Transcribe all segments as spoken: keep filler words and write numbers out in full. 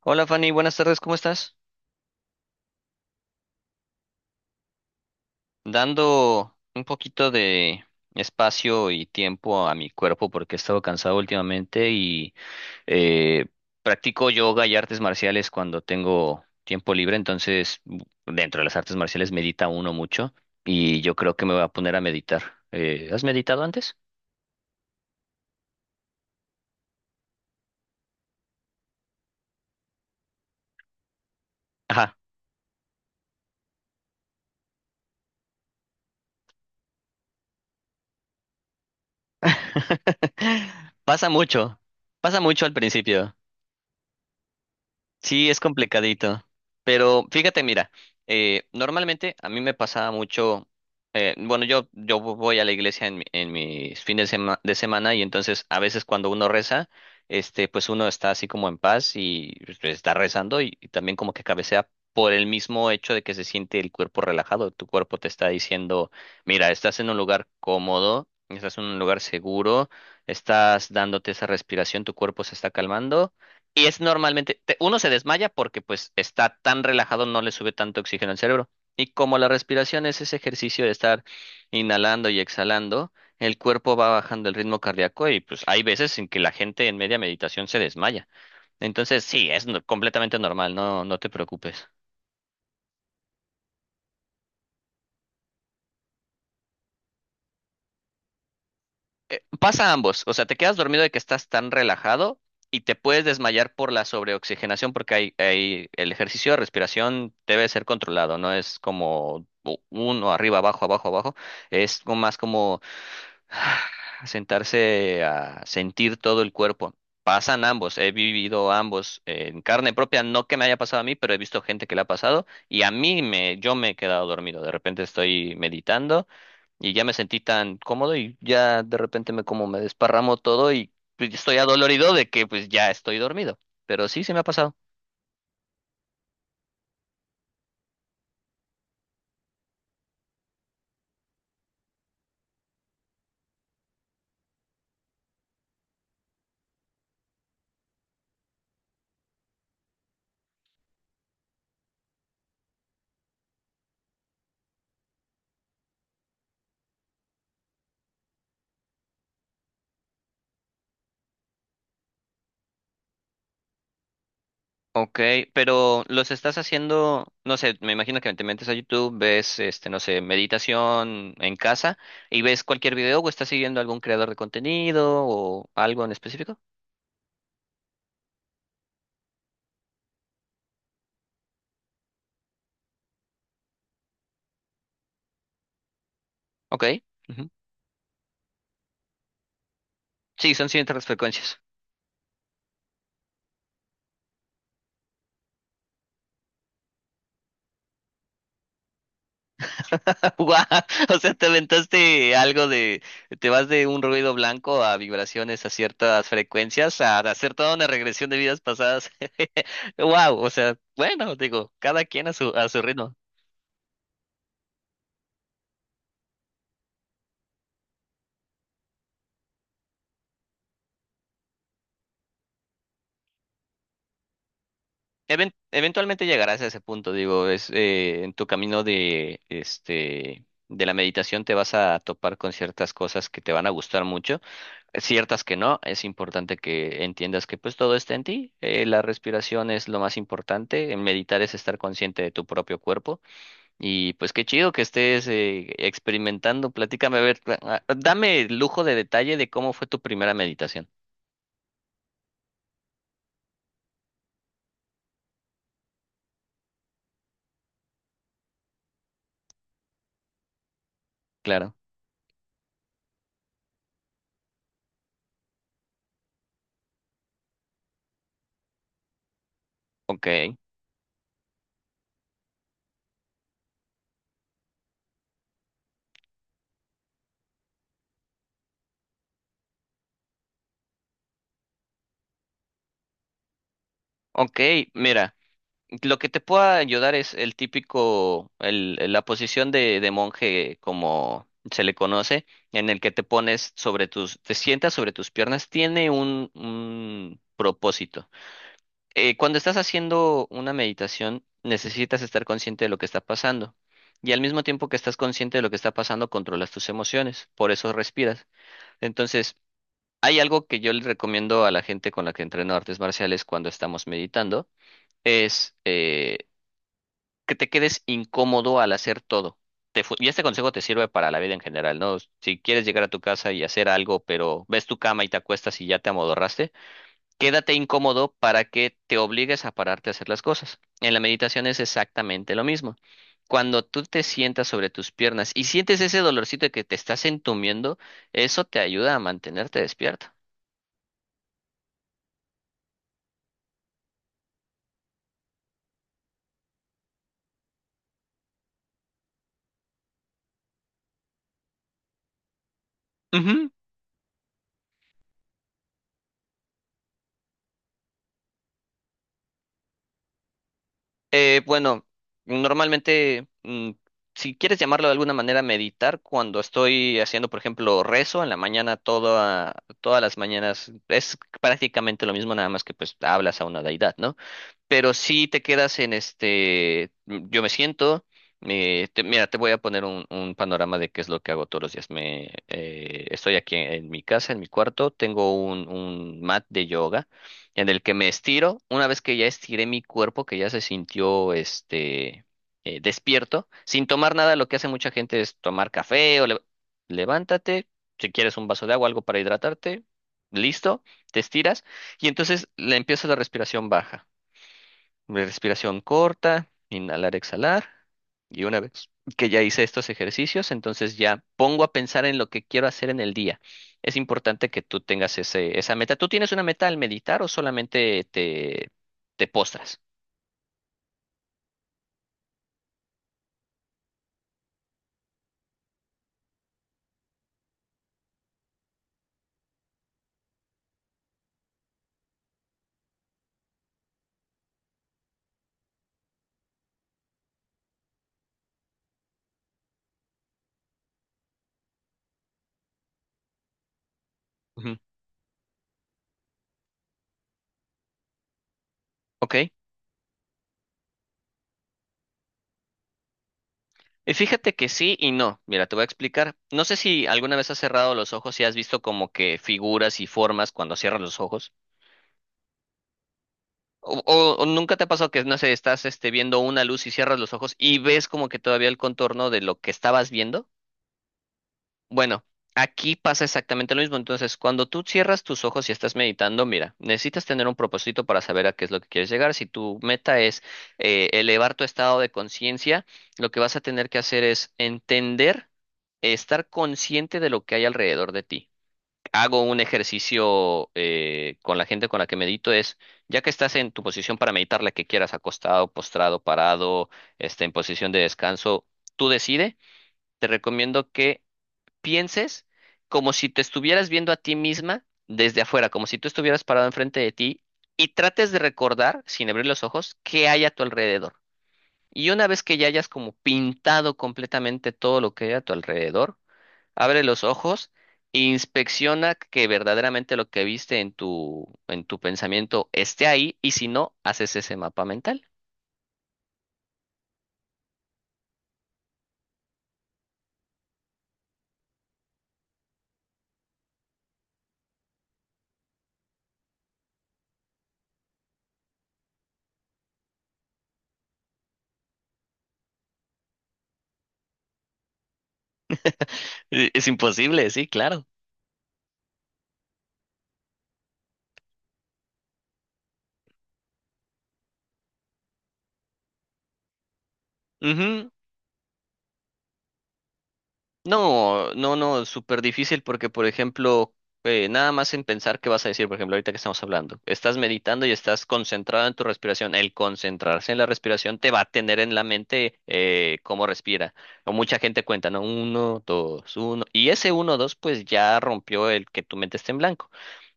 Hola Fanny, buenas tardes, ¿cómo estás? Dando un poquito de espacio y tiempo a mi cuerpo porque he estado cansado últimamente y eh, practico yoga y artes marciales cuando tengo tiempo libre, entonces bu- dentro de las artes marciales medita uno mucho y yo creo que me voy a poner a meditar. Eh, ¿has meditado antes? Ajá. Pasa mucho, pasa mucho al principio. Sí, es complicadito. Pero fíjate, mira, eh, normalmente a mí me pasaba mucho. eh, bueno, yo, yo voy a la iglesia en, mi- en mis fines de, sema- de semana y entonces a veces cuando uno reza, este, pues uno está así como en paz y pues está rezando y, y también como que cabecea por el mismo hecho de que se siente el cuerpo relajado. Tu cuerpo te está diciendo: mira, estás en un lugar cómodo, estás en un lugar seguro, estás dándote esa respiración, tu cuerpo se está calmando y es normalmente, te- uno se desmaya porque pues está tan relajado, no le sube tanto oxígeno al cerebro. Y como la respiración es ese ejercicio de estar inhalando y exhalando, el cuerpo va bajando el ritmo cardíaco y pues hay veces en que la gente en media meditación se desmaya. Entonces sí, es no- completamente normal, no, no te preocupes. Pasa ambos, o sea, te quedas dormido de que estás tan relajado y te puedes desmayar por la sobreoxigenación porque hay, hay- el ejercicio de respiración debe ser controlado, no es como u- uno arriba, abajo, abajo, abajo, es como más como sentarse a sentir todo el cuerpo. Pasan ambos, he vivido ambos en carne propia, no que me haya pasado a mí, pero he visto gente que le ha pasado y a mí me, yo me he quedado dormido, de repente estoy meditando. Y ya me sentí tan cómodo y ya de repente me como me desparramo todo y pues estoy adolorido de que pues ya estoy dormido. Pero sí, se me ha pasado. Ok, pero los estás haciendo, no sé, me imagino que te metes a YouTube, ves, este, no sé, meditación en casa, y ves cualquier video o estás siguiendo algún creador de contenido o algo en específico. Ok. Ujú. Sí, son ciertas frecuencias. Guau. O sea, te aventaste algo de, te vas de un ruido blanco a vibraciones a ciertas frecuencias, a hacer toda una regresión de vidas pasadas. Wow, o sea, bueno, digo, cada quien a su, a su ritmo. Even- eventualmente llegarás a ese punto, digo, es eh, en tu camino de, este, de la meditación te vas a topar con ciertas cosas que te van a gustar mucho. Ciertas que no, es importante que entiendas que pues todo está en ti, eh, la respiración es lo más importante, en meditar es estar consciente de tu propio cuerpo y pues qué chido que estés eh, experimentando. Platícame, a ver, ah, ah, dame el lujo de detalle de cómo fue tu primera meditación. Claro, ok, ok, mira. Lo que te pueda ayudar es el típico, el, la posición de, de monje, como se le conoce, en el que te pones sobre tus, te sientas sobre tus piernas, tiene un, un propósito. Eh, cuando estás haciendo una meditación, necesitas estar consciente de lo que está pasando. Y al mismo tiempo que estás consciente de lo que está pasando, controlas tus emociones, por eso respiras. Entonces, hay algo que yo le recomiendo a la gente con la que entreno artes marciales cuando estamos meditando es eh, que te quedes incómodo al hacer todo. Te fu- y este consejo te sirve para la vida en general, ¿no? Si quieres llegar a tu casa y hacer algo, pero ves tu cama y te acuestas y ya te amodorraste, quédate incómodo para que te obligues a pararte a hacer las cosas. En la meditación es exactamente lo mismo. Cuando tú te sientas sobre tus piernas y sientes ese dolorcito de que te estás entumiendo, eso te ayuda a mantenerte despierto. Eh, bueno, normalmente, mm, si quieres llamarlo de alguna manera, meditar, cuando estoy haciendo, por ejemplo, rezo en la mañana, toda, todas las mañanas, es prácticamente lo mismo, nada más que pues hablas a una deidad, ¿no? Pero si te quedas en este, mm, yo me siento, eh, te- mira, te voy a poner un, un panorama de qué es lo que hago todos los días. Me, eh, estoy aquí en mi casa, en mi cuarto, tengo un, un mat de yoga en el que me estiro. Una vez que ya estiré mi cuerpo, que ya se sintió este, eh, despierto, sin tomar nada, lo que hace mucha gente es tomar café o le- levántate, si quieres un vaso de agua, algo para hidratarte, listo, te estiras. Y entonces le empiezo la respiración baja. Respiración corta, inhalar, exhalar. Y una vez que ya hice estos ejercicios, entonces ya pongo a pensar en lo que quiero hacer en el día. Es importante que tú tengas ese, esa meta. ¿Tú tienes una meta al meditar o solamente te, te postras? Ujú. Ok. Y fíjate que sí y no. Mira, te voy a explicar. No sé si alguna vez has cerrado los ojos y has visto como que figuras y formas cuando cierras los ojos. O, o- o nunca te ha pasado que, no sé, estás este, viendo una luz y cierras los ojos y ves como que todavía el contorno de lo que estabas viendo. Bueno, aquí pasa exactamente lo mismo. Entonces, cuando tú cierras tus ojos y estás meditando, mira, necesitas tener un propósito para saber a qué es lo que quieres llegar. Si tu meta es eh, elevar tu estado de conciencia, lo que vas a tener que hacer es entender, estar consciente de lo que hay alrededor de ti. Hago un ejercicio eh, con la gente con la que medito es, ya que estás en tu posición para meditar, la que quieras, acostado, postrado, parado, este, en posición de descanso, tú decide, te recomiendo que pienses como si te estuvieras viendo a ti misma desde afuera, como si tú estuvieras parado enfrente de ti y trates de recordar, sin abrir los ojos, qué hay a tu alrededor. Y una vez que ya hayas como pintado completamente todo lo que hay a tu alrededor, abre los ojos e inspecciona que verdaderamente lo que viste en tu, en tu pensamiento esté ahí, y si no, haces ese mapa mental. Es imposible, sí, claro. Ujú. No, no, no, súper difícil porque, por ejemplo, eh, nada más en pensar qué vas a decir, por ejemplo, ahorita que estamos hablando, estás meditando y estás concentrado en tu respiración. El concentrarse en la respiración te va a tener en la mente eh, cómo respira. O mucha gente cuenta, ¿no? Uno, dos, uno. Y ese uno, dos, pues ya rompió el que tu mente esté en blanco.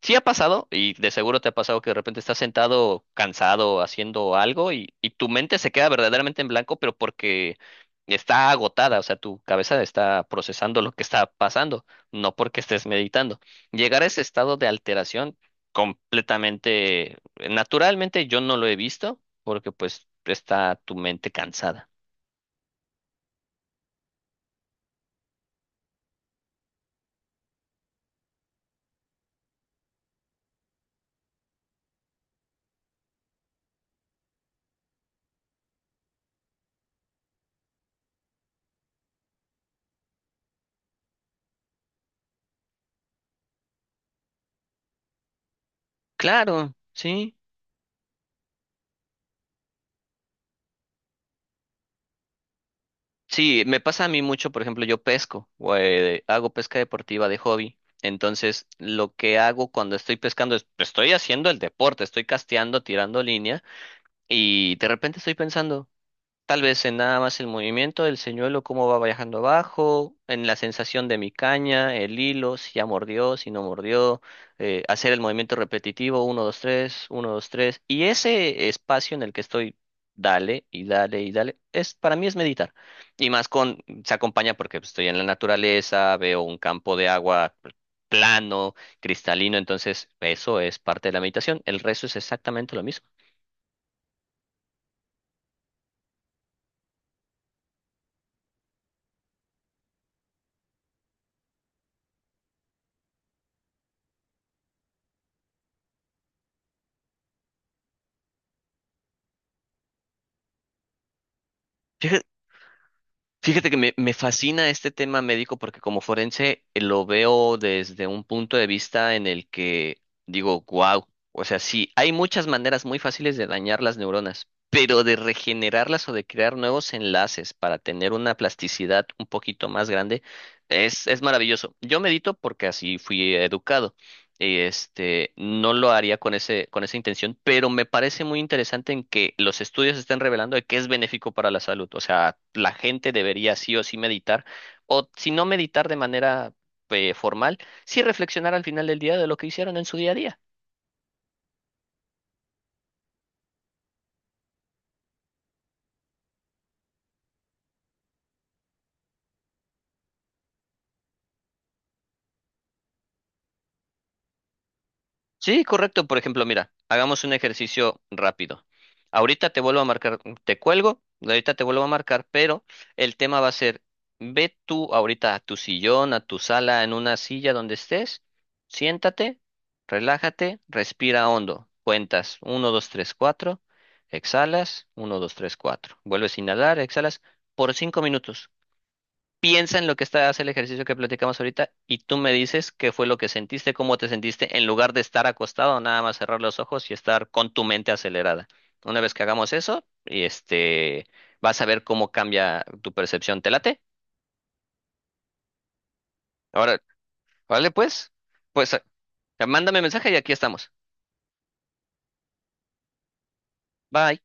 Sí ha pasado, y de seguro te ha pasado que de repente estás sentado, cansado, haciendo algo y, y tu mente se queda verdaderamente en blanco, pero porque está agotada, o sea, tu cabeza está procesando lo que está pasando, no porque estés meditando. Llegar a ese estado de alteración completamente, naturalmente yo no lo he visto porque pues está tu mente cansada. Claro, sí. Sí, me pasa a mí mucho, por ejemplo, yo pesco, o, eh, hago pesca deportiva de hobby. Entonces, lo que hago cuando estoy pescando es, estoy haciendo el deporte, estoy casteando, tirando línea, y de repente estoy pensando tal vez en nada más el movimiento del señuelo, cómo va viajando abajo, en la sensación de mi caña, el hilo, si ya mordió, si no mordió, eh, hacer el movimiento repetitivo, uno dos tres, uno dos tres. Y ese espacio en el que estoy, dale y dale y dale, es, para mí es meditar. Y más con, se acompaña porque pues estoy en la naturaleza, veo un campo de agua plano, cristalino, entonces eso es parte de la meditación. El resto es exactamente lo mismo. Fíjate que me, me fascina este tema médico porque como forense eh, lo veo desde un punto de vista en el que digo, wow, o sea, sí, hay muchas maneras muy fáciles de dañar las neuronas, pero de regenerarlas o de crear nuevos enlaces para tener una plasticidad un poquito más grande es, es maravilloso. Yo medito porque así fui educado. Este, no lo haría con ese, con esa intención, pero me parece muy interesante en que los estudios estén revelando de que es benéfico para la salud. O sea, la gente debería sí o sí meditar, o si no meditar de manera eh, formal, sí reflexionar al final del día de lo que hicieron en su día a día. Sí, correcto. Por ejemplo, mira, hagamos un ejercicio rápido. Ahorita te vuelvo a marcar, te cuelgo, ahorita te vuelvo a marcar, pero el tema va a ser, ve tú ahorita a tu sillón, a tu sala, en una silla donde estés, siéntate, relájate, respira hondo, cuentas uno, dos, tres, cuatro. Exhalas, uno, dos, tres, cuatro. Vuelves a inhalar, exhalas por cinco minutos. Piensa en lo que está, hace el ejercicio que platicamos ahorita y tú me dices qué fue lo que sentiste, cómo te sentiste, en lugar de estar acostado, nada más cerrar los ojos y estar con tu mente acelerada. Una vez que hagamos eso, y este, vas a ver cómo cambia tu percepción. ¿Te late? Ahora, vale, pues, pues, eh, mándame mensaje y aquí estamos. Bye.